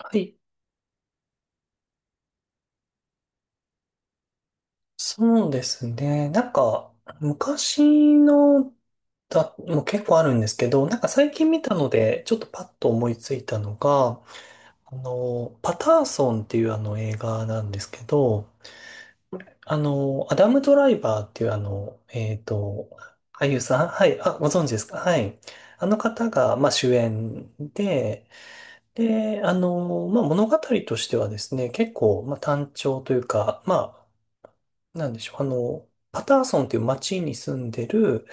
はい、そうですね。なんか、昔のだ、もう結構あるんですけど、なんか最近見たので、ちょっとパッと思いついたのが、パターソンっていうあの映画なんですけど、アダム・ドライバーっていう俳優さん、はい、あ、ご存知ですか？はい。あの方が、まあ、主演で、で、まあ、物語としてはですね、結構、まあ、単調というか、まあ、なんでしょう、パターソンっていう町に住んでる、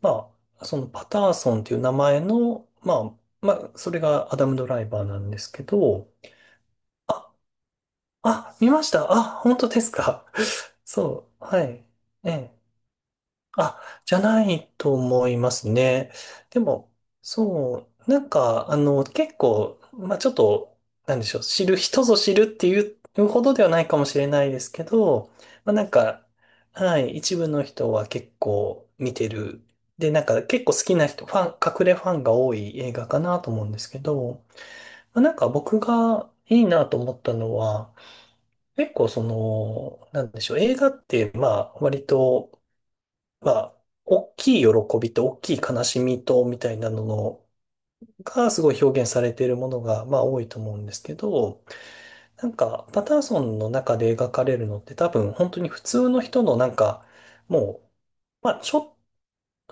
まあ、そのパターソンっていう名前の、まあ、それがアダム・ドライバーなんですけど、あ、あ、見ました。あ、本当ですか。そう、はい。ええ、あ、じゃないと思いますね。でも、そう、なんか、結構、まあちょっと、なんでしょう、知る人ぞ知るっていうほどではないかもしれないですけど、まあなんか、はい、一部の人は結構見てる。で、なんか結構好きな人、ファン、隠れファンが多い映画かなと思うんですけど、まあなんか僕がいいなと思ったのは、結構その、なんでしょう、映画って、まあ割と、まあ、大きい喜びと大きい悲しみとみたいなのがすごい表現されているものが、まあ、多いと思うんですけど、なんか、パターソンの中で描かれるのって多分、本当に普通の人のなんか、もう、まあ、ちょっ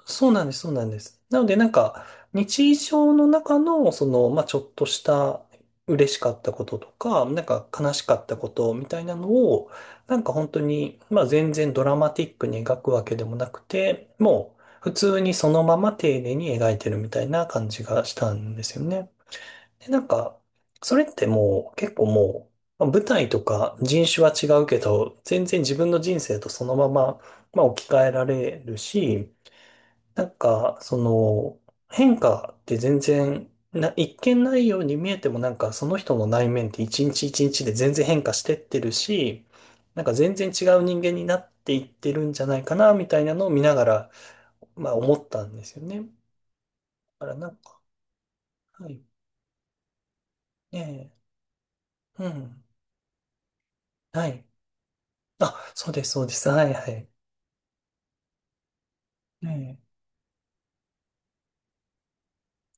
そうなんです、そうなんです。なので、なんか、日常の中の、その、まあ、ちょっとした嬉しかったこととか、なんか悲しかったことみたいなのを、なんか本当に、まあ、全然ドラマティックに描くわけでもなくて、もう、普通にそのまま丁寧に描いてるみたいな感じがしたんですよね。で、なんか、それってもう、結構もう、まあ舞台とか人種は違うけど、全然自分の人生とそのまま、まあ、置き換えられるし、なんか、その、変化って全然、一見ないように見えてもなんかその人の内面って一日一日で全然変化してってるし、なんか全然違う人間になっていってるんじゃないかな、みたいなのを見ながら、まあ思ったんですよね。だからなんか、はい。ねえ、うん。はい。あ、そうです、そうです。はい、はい。ね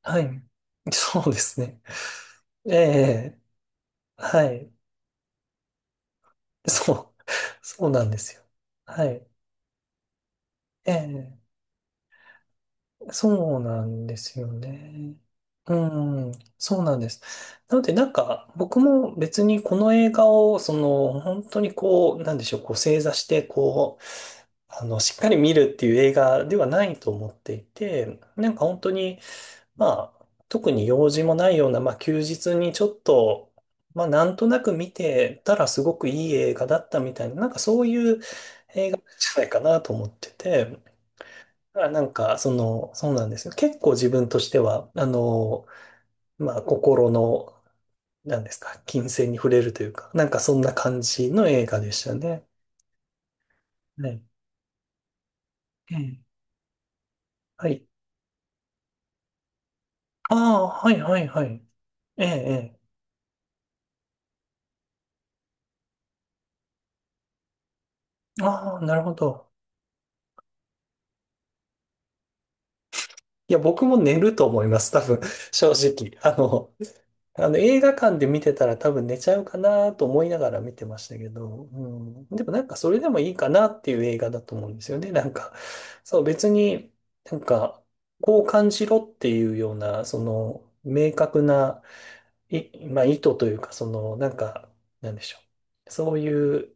え、はい。そうですね。ええ、はい。そう、そうなんですよ。はい。ええ、そうなんですよね。うん、そうなんです。なので、なんか、僕も別にこの映画を、その、本当にこう、なんでしょう、こう、正座して、こう、しっかり見るっていう映画ではないと思っていて、なんか本当に、まあ、特に用事もないような、まあ、休日にちょっと、まあ、なんとなく見てたらすごくいい映画だったみたいな、なんかそういう映画じゃないかなと思ってて、だからなんか、その、そうなんですよ。結構自分としては、まあ、心の、なんですか、金銭に触れるというか、なんかそんな感じの映画でしたね。ね。ええ。はい。ああ、はいはいはい。ええ、ええ。ああ、なるほど。いや、僕も寝ると思います、多分、正直。あの映画館で見てたら多分寝ちゃうかなと思いながら見てましたけど、うん、でもなんかそれでもいいかなっていう映画だと思うんですよね。なんか、そう別になんかこう感じろっていうような、その明確な、まあ意図というか、そのなんか、なんでしょう。そういう、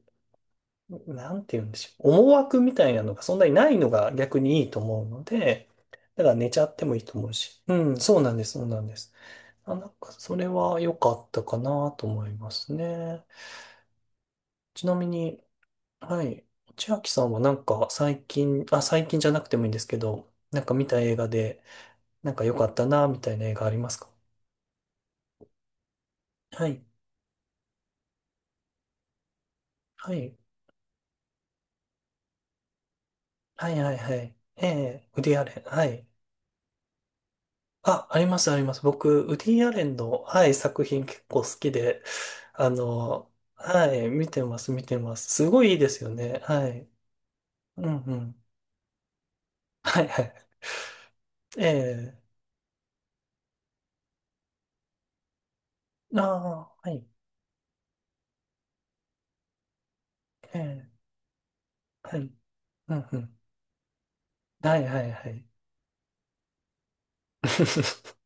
なんて言うんでしょう。思惑みたいなのがそんなにないのが逆にいいと思うので、だから寝ちゃってもいいと思うし。うん、そうなんです、そうなんです。あ、なんか、それは良かったかなと思いますね。ちなみに、はい。千秋さんはなんか最近、あ、最近じゃなくてもいいんですけど、なんか見た映画で、なんか良かったなみたいな映画ありますか？はい。はい。はいはいはい。ええ、ウディアレン。はい。あ、ありますあります。僕、ウディアレンの、はい、作品結構好きで、あの、はい、見てます、見てます。すごいいいですよね。はい。うんうん。はいはい。ええ。ああ、はい。ええ、はい。うんうん。はいはいはい。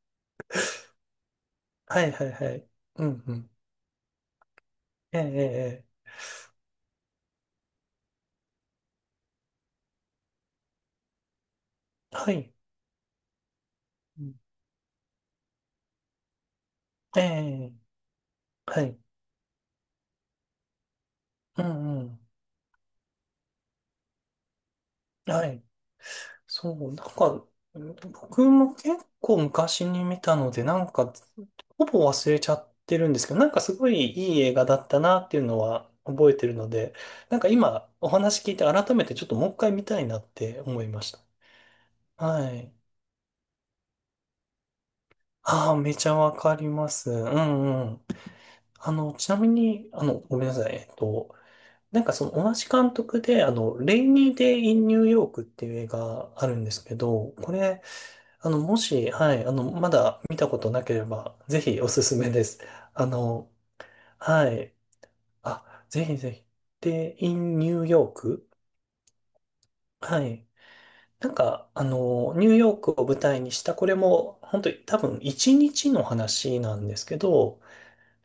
はいはいはい。うんうん。ええ、ええ、ええ、はい。うん、ええ、はい。うんうん。はい。そう、なんか、僕も結構昔に見たので、なんか、ほぼ忘れちゃってるんですけど、なんかすごいいい映画だったなっていうのは覚えてるので、なんか今お話聞いて改めてちょっともう一回見たいなって思いました。はい。ああ、めちゃわかります。うんうん。ちなみに、ごめんなさい。なんかその同じ監督で、レイニーデイ・イン・ニューヨークっていう映画あるんですけど、これ、もし、はい、まだ見たことなければ、ぜひおすすめです。あの、はい。あ、ぜひぜひ。で、イン・ニューヨーク。はい。なんか、ニューヨークを舞台にした、これも、本当に多分一日の話なんですけど、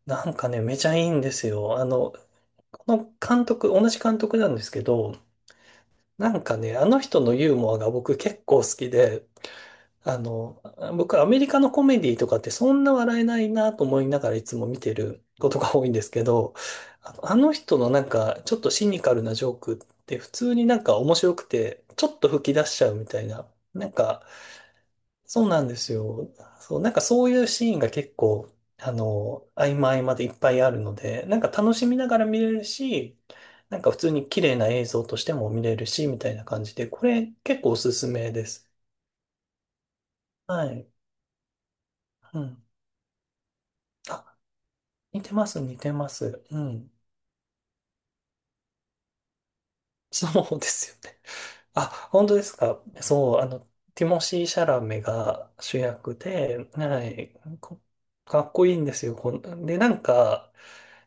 なんかね、めちゃいいんですよ。この監督、同じ監督なんですけど、なんかね、あの人のユーモアが僕結構好きで、あの、僕アメリカのコメディとかってそんな笑えないなと思いながらいつも見てることが多いんですけど、あの人のなんかちょっとシニカルなジョークって普通になんか面白くて、ちょっと吹き出しちゃうみたいな、なんか、そうなんですよ。そう、なんかそういうシーンが結構、合間合間でいっぱいあるので、なんか楽しみながら見れるし、なんか普通に綺麗な映像としても見れるし、みたいな感じで、これ結構おすすめです。はい。うん。あ、似てます、似てます。うん。そうですよね。あ、本当ですか。そう、ティモシー・シャラメが主役で、はい、こかっこいいんですよ。こんで、なんか、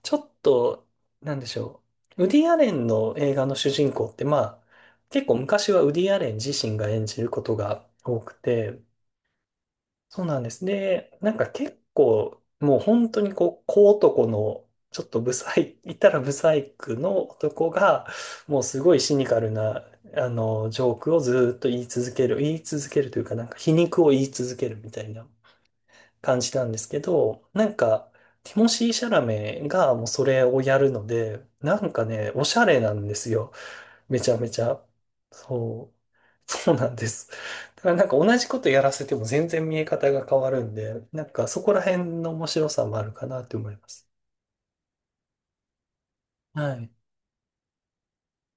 ちょっと、なんでしょう。ウディ・アレンの映画の主人公って、まあ、結構昔はウディ・アレン自身が演じることが多くて、そうなんです。で、なんか結構、もう本当にこう、小男の、ちょっとブサイ、言ったらブサイクの男が、もうすごいシニカルな、ジョークをずーっと言い続ける、言い続けるというか、なんか皮肉を言い続けるみたいな感じなんですけど、なんか、ティモシー・シャラメがもうそれをやるので、なんかね、おしゃれなんですよ。めちゃめちゃ、そう、そうなんです。だからなんか同じことやらせても全然見え方が変わるんで、なんかそこら辺の面白さもあるかなって思います。はい、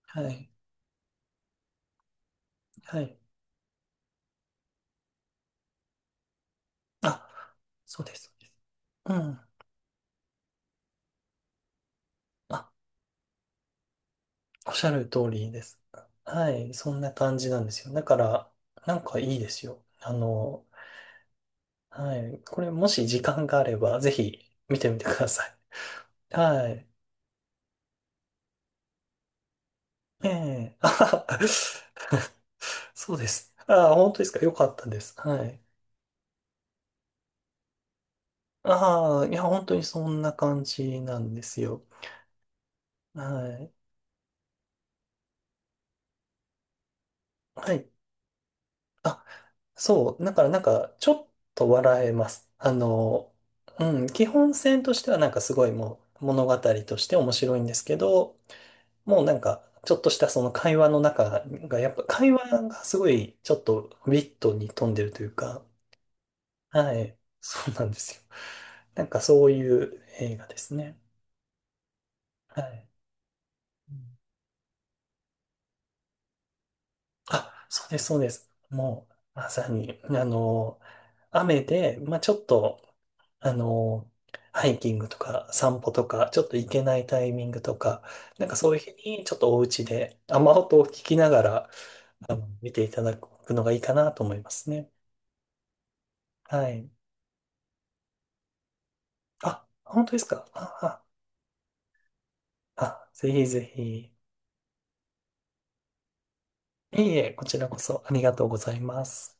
はい、はい。あ、そうです、そうです。うん。あ、おっしゃる通りです。はい、そんな感じなんですよ。だから、なんかいいですよ。はい、これもし時間があれば、ぜひ見てみてください。はい。ええ。あはは そうです。ああ、本当ですか。よかったです。はい。ああ、いや、本当にそんな感じなんですよ。はい。はい。あ、そう。だから、なんか、ちょっと笑えます。うん、基本線としては、なんかすごいもう、物語として面白いんですけど、もうなんか、ちょっとしたその会話の中が、やっぱ会話がすごい、ちょっとウィットに富んでるというか、はい。そうなんですよ。なんかそういう映画ですね。はい。うん、あ、そうです、そうです。もう、まさに、雨で、まあ、ちょっと、あの、ハイキングとか散歩とか、ちょっと行けないタイミングとか、なんかそういう日に、ちょっとお家で雨音を聞きながら、見ていただくのがいいかなと思いますね。はい。あ、本当ですかあ、あ、あ、ぜひぜひ。いえいえ、こちらこそありがとうございます。